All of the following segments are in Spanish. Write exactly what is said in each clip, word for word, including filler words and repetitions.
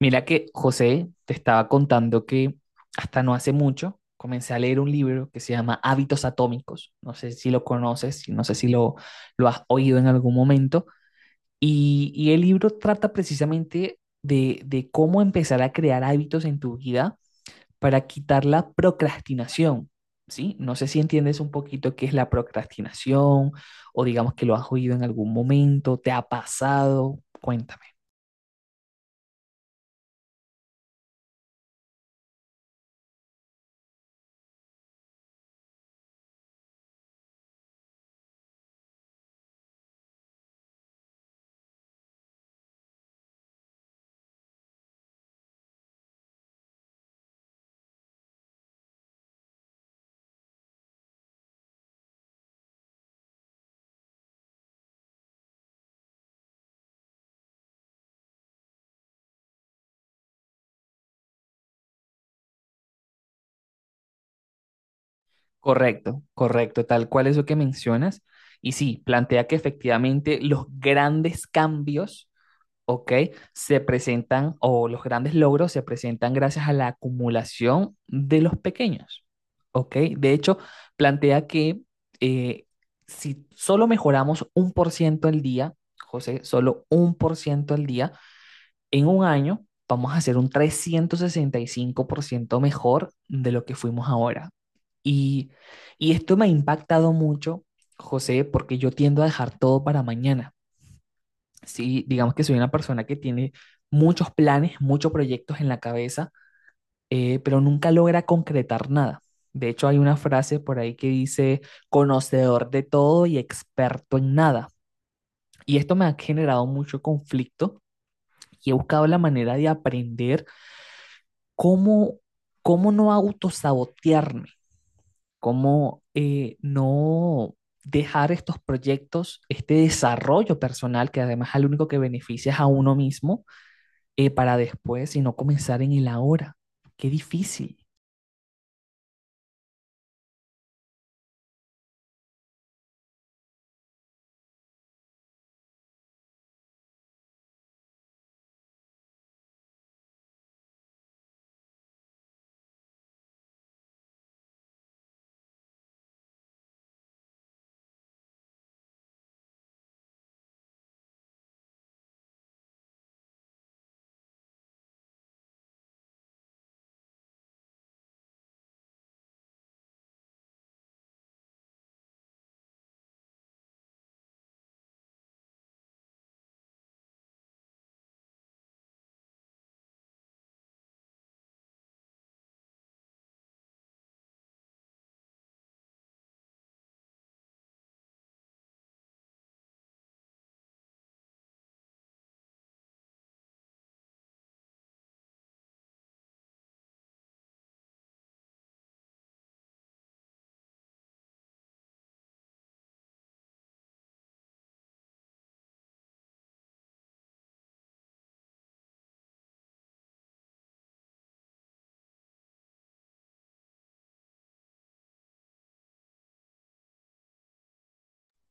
Mira que José te estaba contando que hasta no hace mucho comencé a leer un libro que se llama Hábitos Atómicos. No sé si lo conoces, si no sé si lo, lo has oído en algún momento. Y, y el libro trata precisamente de, de cómo empezar a crear hábitos en tu vida para quitar la procrastinación. ¿Sí? No sé si entiendes un poquito qué es la procrastinación o digamos que lo has oído en algún momento, te ha pasado. Cuéntame. Correcto, correcto, tal cual eso que mencionas. Y sí, plantea que efectivamente los grandes cambios, ¿ok? Se presentan, o los grandes logros se presentan gracias a la acumulación de los pequeños, ¿ok? De hecho, plantea que eh, si solo mejoramos un por ciento al día, José, solo un por ciento al día, en un año vamos a ser un trescientos sesenta y cinco por ciento mejor de lo que fuimos ahora. Y, y esto me ha impactado mucho, José, porque yo tiendo a dejar todo para mañana. Sí, digamos que soy una persona que tiene muchos planes, muchos proyectos en la cabeza, eh, pero nunca logra concretar nada. De hecho, hay una frase por ahí que dice: conocedor de todo y experto en nada. Y esto me ha generado mucho conflicto y he buscado la manera de aprender cómo, cómo no autosabotearme, cómo eh, no dejar estos proyectos, este desarrollo personal, que además al único que beneficia es a uno mismo, eh, para después, sino comenzar en el ahora. Qué difícil.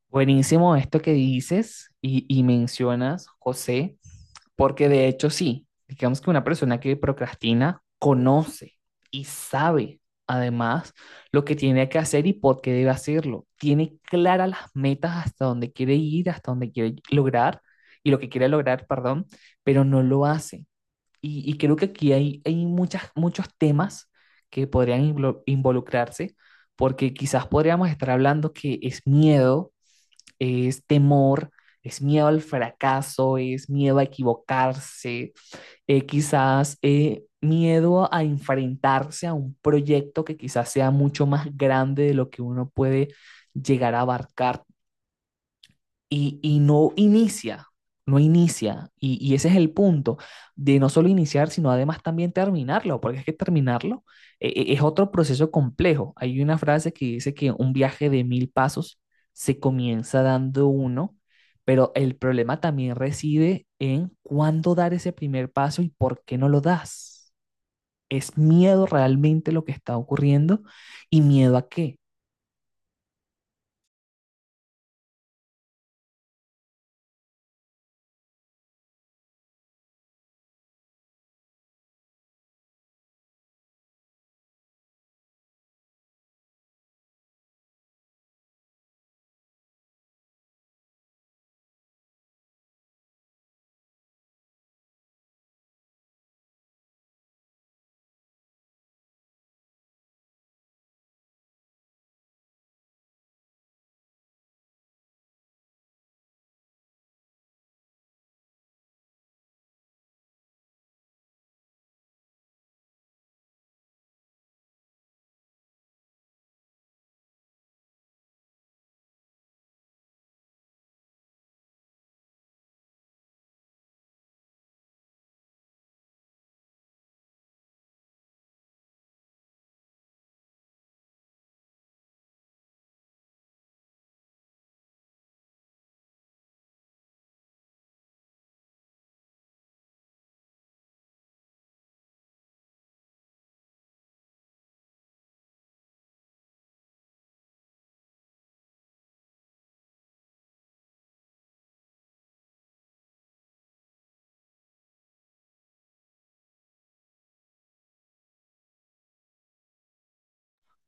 Buenísimo esto que dices y, y mencionas, José, porque de hecho sí, digamos que una persona que procrastina conoce y sabe además lo que tiene que hacer y por qué debe hacerlo. Tiene claras las metas, hasta dónde quiere ir, hasta dónde quiere lograr y lo que quiere lograr, perdón, pero no lo hace. Y, y creo que aquí hay, hay muchas, muchos temas que podrían involucrarse, porque quizás podríamos estar hablando que es miedo, es temor, es miedo al fracaso, es miedo a equivocarse, eh, quizás eh, miedo a enfrentarse a un proyecto que quizás sea mucho más grande de lo que uno puede llegar a abarcar y, y no inicia, no inicia. Y, y ese es el punto de no solo iniciar, sino además también terminarlo, porque es que terminarlo eh, eh, es otro proceso complejo. Hay una frase que dice que un viaje de mil pasos se comienza dando uno, pero el problema también reside en cuándo dar ese primer paso y por qué no lo das. Es miedo realmente lo que está ocurriendo, y miedo a qué.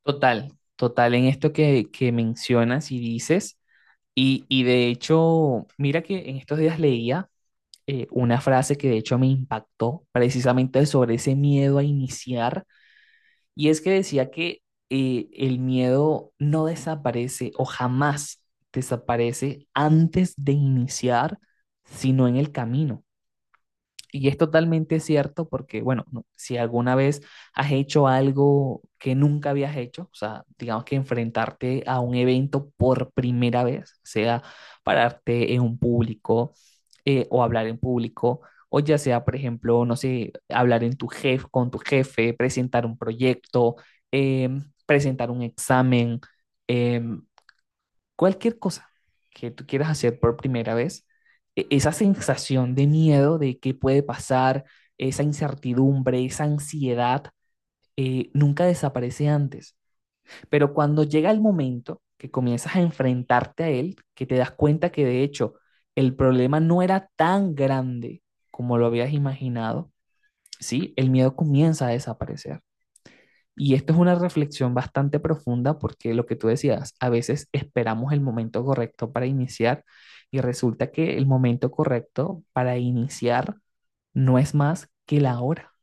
Total, total en esto que, que mencionas y dices. Y, y de hecho, mira que en estos días leía eh, una frase que de hecho me impactó precisamente sobre ese miedo a iniciar, y es que decía que eh, el miedo no desaparece, o jamás desaparece antes de iniciar, sino en el camino. Y es totalmente cierto porque, bueno, no- si alguna vez has hecho algo que nunca habías hecho, o sea, digamos que enfrentarte a un evento por primera vez, sea pararte en un público eh, o hablar en público, o ya sea, por ejemplo, no sé, hablar en tu jef, con tu jefe, presentar un proyecto, em, presentar un examen, em, cualquier cosa que tú quieras hacer por primera vez, e- esa sensación de miedo de qué puede pasar, esa incertidumbre, esa ansiedad, eh, nunca desaparece antes. Pero cuando llega el momento que comienzas a enfrentarte a él, que te das cuenta que de hecho el problema no era tan grande como lo habías imaginado, ¿sí? El miedo comienza a desaparecer. Y esto es una reflexión bastante profunda, porque lo que tú decías, a veces esperamos el momento correcto para iniciar, y resulta que el momento correcto para iniciar no es más que la hora.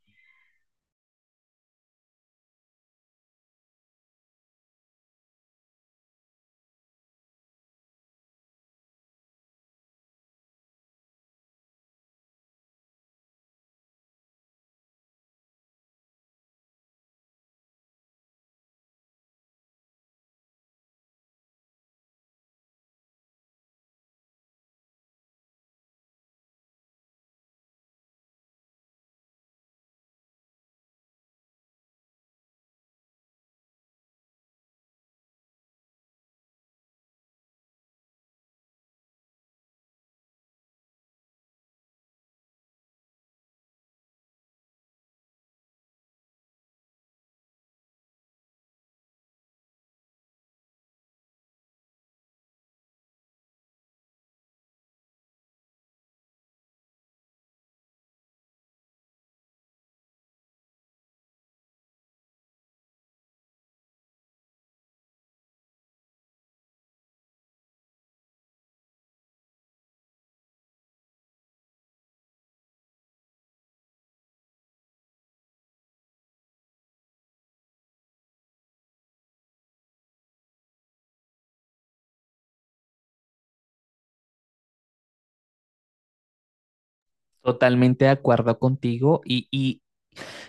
Totalmente de acuerdo contigo, y, y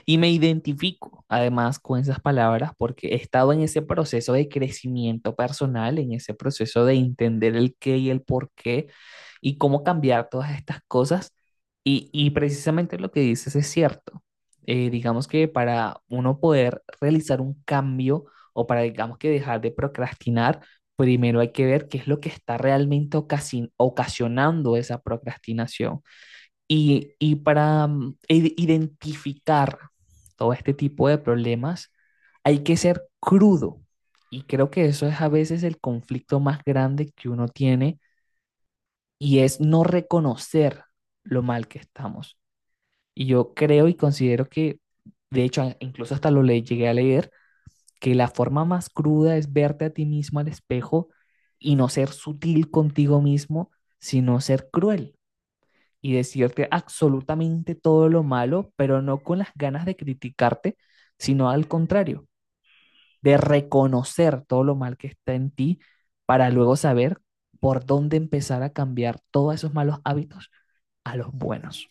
Y me identifico además con esas palabras, porque he estado en ese proceso de crecimiento personal, en ese proceso de entender el qué y el por qué y cómo cambiar todas estas cosas. Y, y precisamente lo que dices es cierto. Eh, digamos que para uno poder realizar un cambio o para, digamos que dejar de procrastinar, primero hay que ver qué es lo que está realmente ocasi- ocasionando esa procrastinación. Y, y para mm, identificar todo este tipo de problemas, hay que ser crudo. Y creo que eso es a veces el conflicto más grande que uno tiene, y es no reconocer lo mal que estamos. Y yo creo y considero que, de hecho, incluso hasta lo le llegué a leer, que la forma más cruda es verte a ti mismo al espejo y no ser sutil contigo mismo, sino ser cruel y decirte absolutamente todo lo malo, pero no con las ganas de criticarte, sino al contrario, de reconocer todo lo mal que está en ti para luego saber por dónde empezar a cambiar todos esos malos hábitos a los buenos.